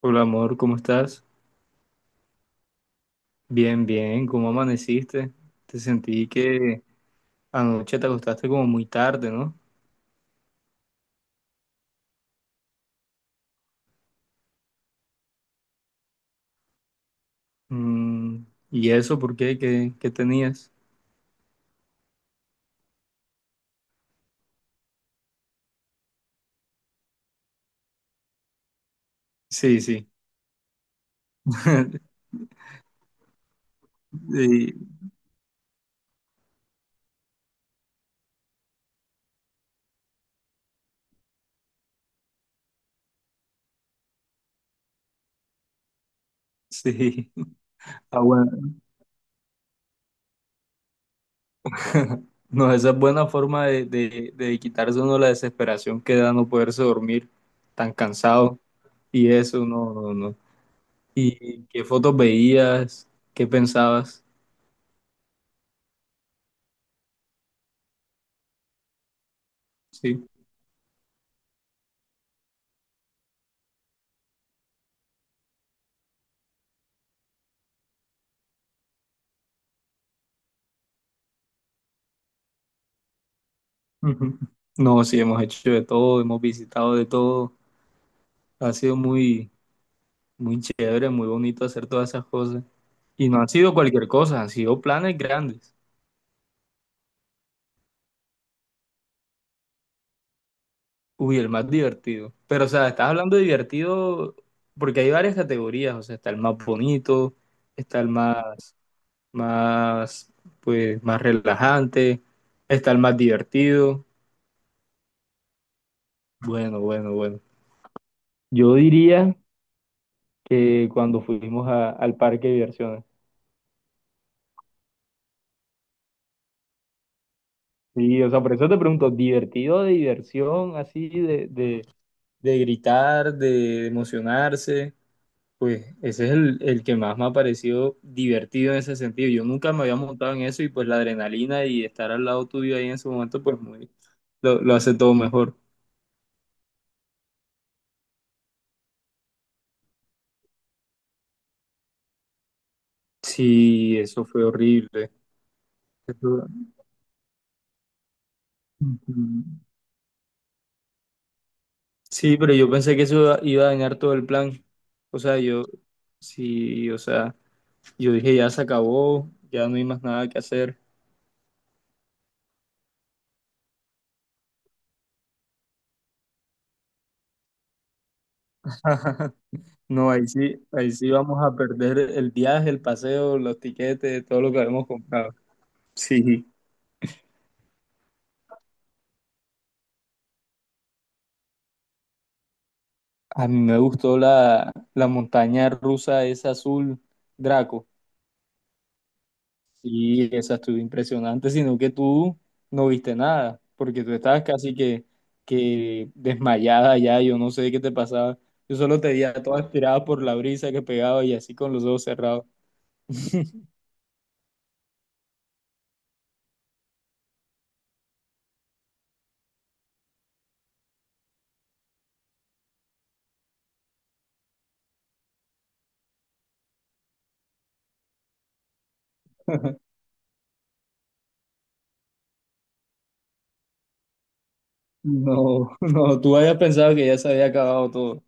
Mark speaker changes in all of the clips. Speaker 1: Hola amor, ¿cómo estás? Bien, bien, ¿cómo amaneciste? Te sentí que anoche te acostaste como muy tarde, ¿no? Mm, ¿Y eso por qué? ¿Qué tenías? Sí, sí, sí, sí. Ah, bueno. No, esa es buena forma de quitarse uno la desesperación que da no poderse dormir tan cansado y eso, no, no, no. ¿Y qué fotos veías? ¿Qué pensabas? Sí. Ujú. No, sí, hemos hecho de todo, hemos visitado de todo. Ha sido muy, muy chévere, muy bonito hacer todas esas cosas. Y no han sido cualquier cosa, han sido planes grandes. Uy, el más divertido. Pero, o sea, estás hablando de divertido porque hay varias categorías. O sea, está el más bonito, está el más, más, pues, más relajante, está el más divertido. Bueno, bueno, bueno. Yo diría que cuando fuimos al parque de diversiones. Sí, o sea, por eso te pregunto, ¿divertido de diversión así de gritar, de emocionarse, pues ese es el que más me ha parecido divertido en ese sentido. Yo nunca me había montado en eso y pues la adrenalina y estar al lado tuyo ahí en ese momento, pues muy, lo hace todo mejor. Sí, eso fue horrible. Eso- Ujú. Sí, pero yo pensé que eso iba a dañar todo el plan. O sea, yo, sí, o sea, yo dije ya se acabó, ya no hay más nada que hacer. No, ahí sí vamos a perder el viaje, el paseo, los tiquetes, todo lo que habíamos comprado. Sí. A mí me gustó la montaña rusa, esa azul, Draco. Sí, esa estuvo impresionante, sino que tú no viste nada, porque tú estabas casi que desmayada ya, yo no sé qué te pasaba. Yo solo te veía toda estirada por la brisa que pegaba y así con los ojos cerrados. No, no, tú habías pensado que ya se había acabado todo.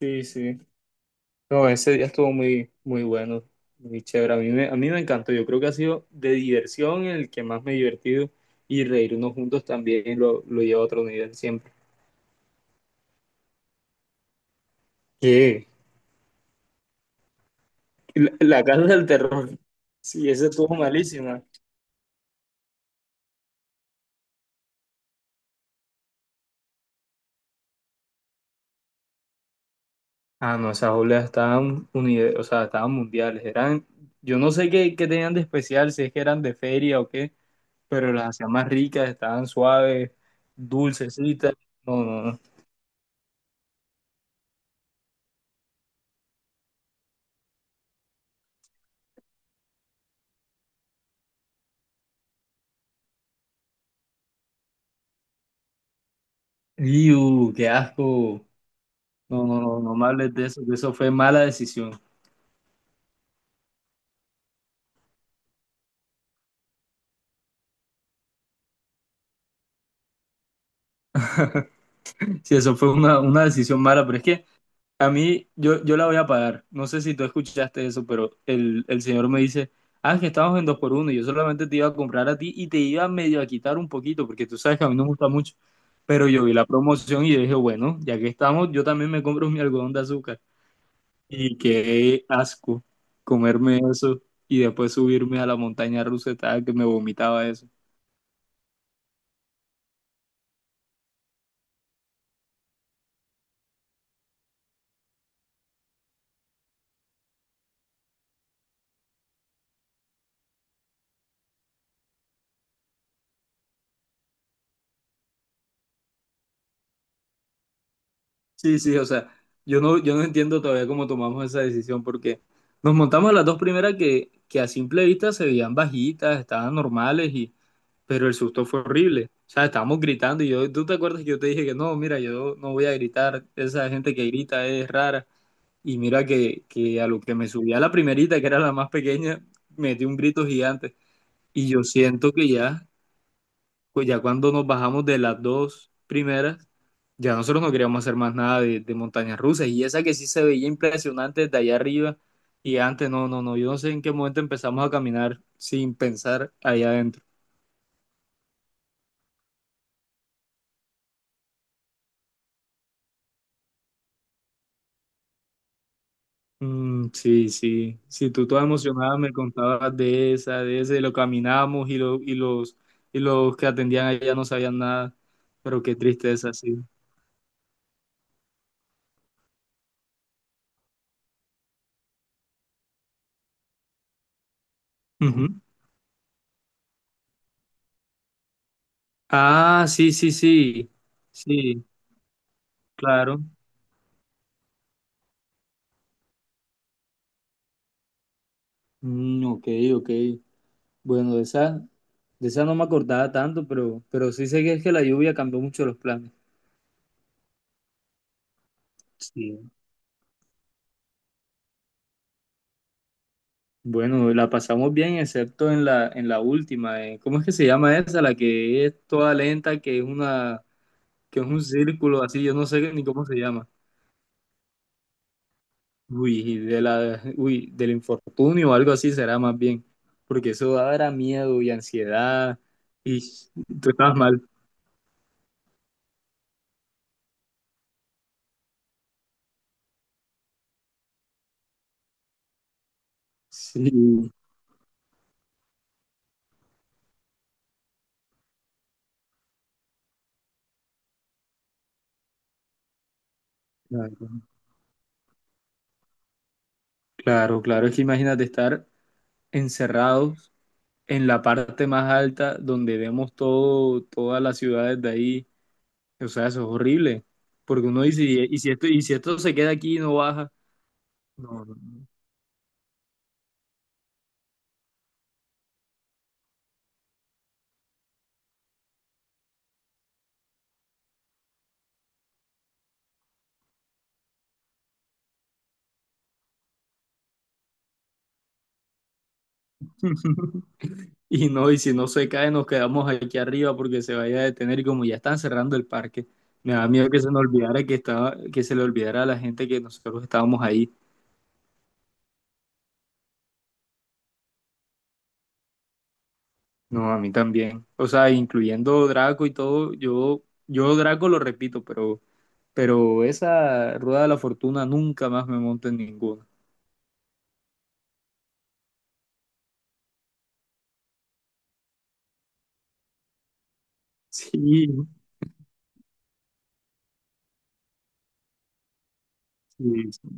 Speaker 1: Sí, sí. No, ese día estuvo muy, muy bueno, muy chévere. A mí me encantó. Yo creo que ha sido de diversión el que más me he divertido y reírnos juntos también lo lleva a otro nivel siempre. ¿Qué? La casa del terror. Sí, esa estuvo malísima. Ah, no, esas obras estaban, o sea, estaban mundiales. Eran, yo no sé qué tenían de especial, si es que eran de feria o qué, pero las hacían más ricas, estaban suaves, dulcecitas. No, no, no. ¡Iu, qué asco! No, no, no, no me hables de eso, que eso fue mala decisión. Sí, eso fue una decisión mala, pero es que a mí, yo la voy a pagar. No sé si tú escuchaste eso, pero el señor me dice, ah, que estamos en dos por uno, y yo solamente te iba a comprar a ti y te iba medio a quitar un poquito, porque tú sabes que a mí no me gusta mucho. Pero yo vi la promoción y yo dije, bueno, ya que estamos, yo también me compro mi algodón de azúcar. Y qué asco comerme eso y después subirme a la montaña rusa, estaba que me vomitaba eso. Sí, sí, o sea, yo no, yo no entiendo todavía cómo tomamos esa decisión porque nos montamos a las dos primeras que a simple vista se veían bajitas, estaban normales y, pero el susto fue horrible. O sea, estábamos gritando y yo, ¿tú te acuerdas que yo te dije que no, mira, yo no voy a gritar, esa gente que grita es rara? Y mira que a lo que me subía la primerita, que era la más pequeña, metí un grito gigante. Y yo siento que ya, pues ya cuando nos bajamos de las dos primeras, ya nosotros no queríamos hacer más nada de montañas rusas y esa que sí se veía impresionante desde allá arriba y antes no, no, no, yo no sé en qué momento empezamos a caminar sin pensar allá adentro. Mm, sí, sí, sí, tú toda emocionada me contabas de esa, de ese, lo caminamos y y los que atendían allá no sabían nada, pero qué tristeza, sí. Ujú. Ah, sí, sí, sí, sí, claro. Mm, ok, ok. Bueno, de esa no me acordaba tanto, pero sí sé que es que la lluvia cambió mucho los planes. Sí. Bueno, la pasamos bien, excepto en la última. ¿Cómo es que se llama esa? La que es toda lenta, que es una, que es un círculo así, yo no sé ni cómo se llama. Uy, de la, uy, del infortunio o algo así será más bien. Porque eso dará miedo y ansiedad. Y tú estabas mal. Sí, claro, claro, claro. Es que imagínate estar encerrado en la parte más alta donde vemos todo, todas las ciudades de ahí. O sea, eso es horrible. Porque uno dice, y si esto se queda aquí y no baja, no, no, no. Y no, y si no se cae, nos quedamos aquí arriba porque se vaya a detener. Y como ya están cerrando el parque, me da miedo que se nos olvidara que estaba, que se le olvidara a la gente que nosotros estábamos ahí. No, a mí también. O sea, incluyendo Draco y todo, yo Draco lo repito, pero esa rueda de la fortuna nunca más me monto en ninguna. Sí, sí, sí.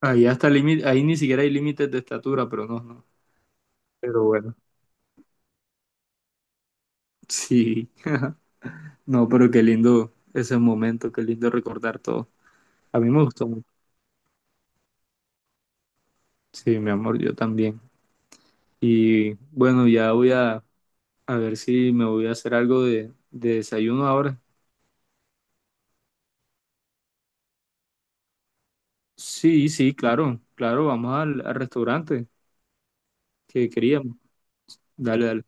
Speaker 1: Ahí hasta límite, ahí ni siquiera hay límites de estatura, pero no, no. Pero bueno, sí. No, pero qué lindo ese momento, qué lindo recordar todo. A mí me gustó mucho. Sí, mi amor, yo también. Y bueno, ya voy a ver si me voy a hacer algo de desayuno ahora. Sí, sí, claro, claro, vamos al, al restaurante que queríamos. Dale, dale,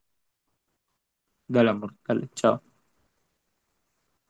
Speaker 1: dale, amor, dale, chao.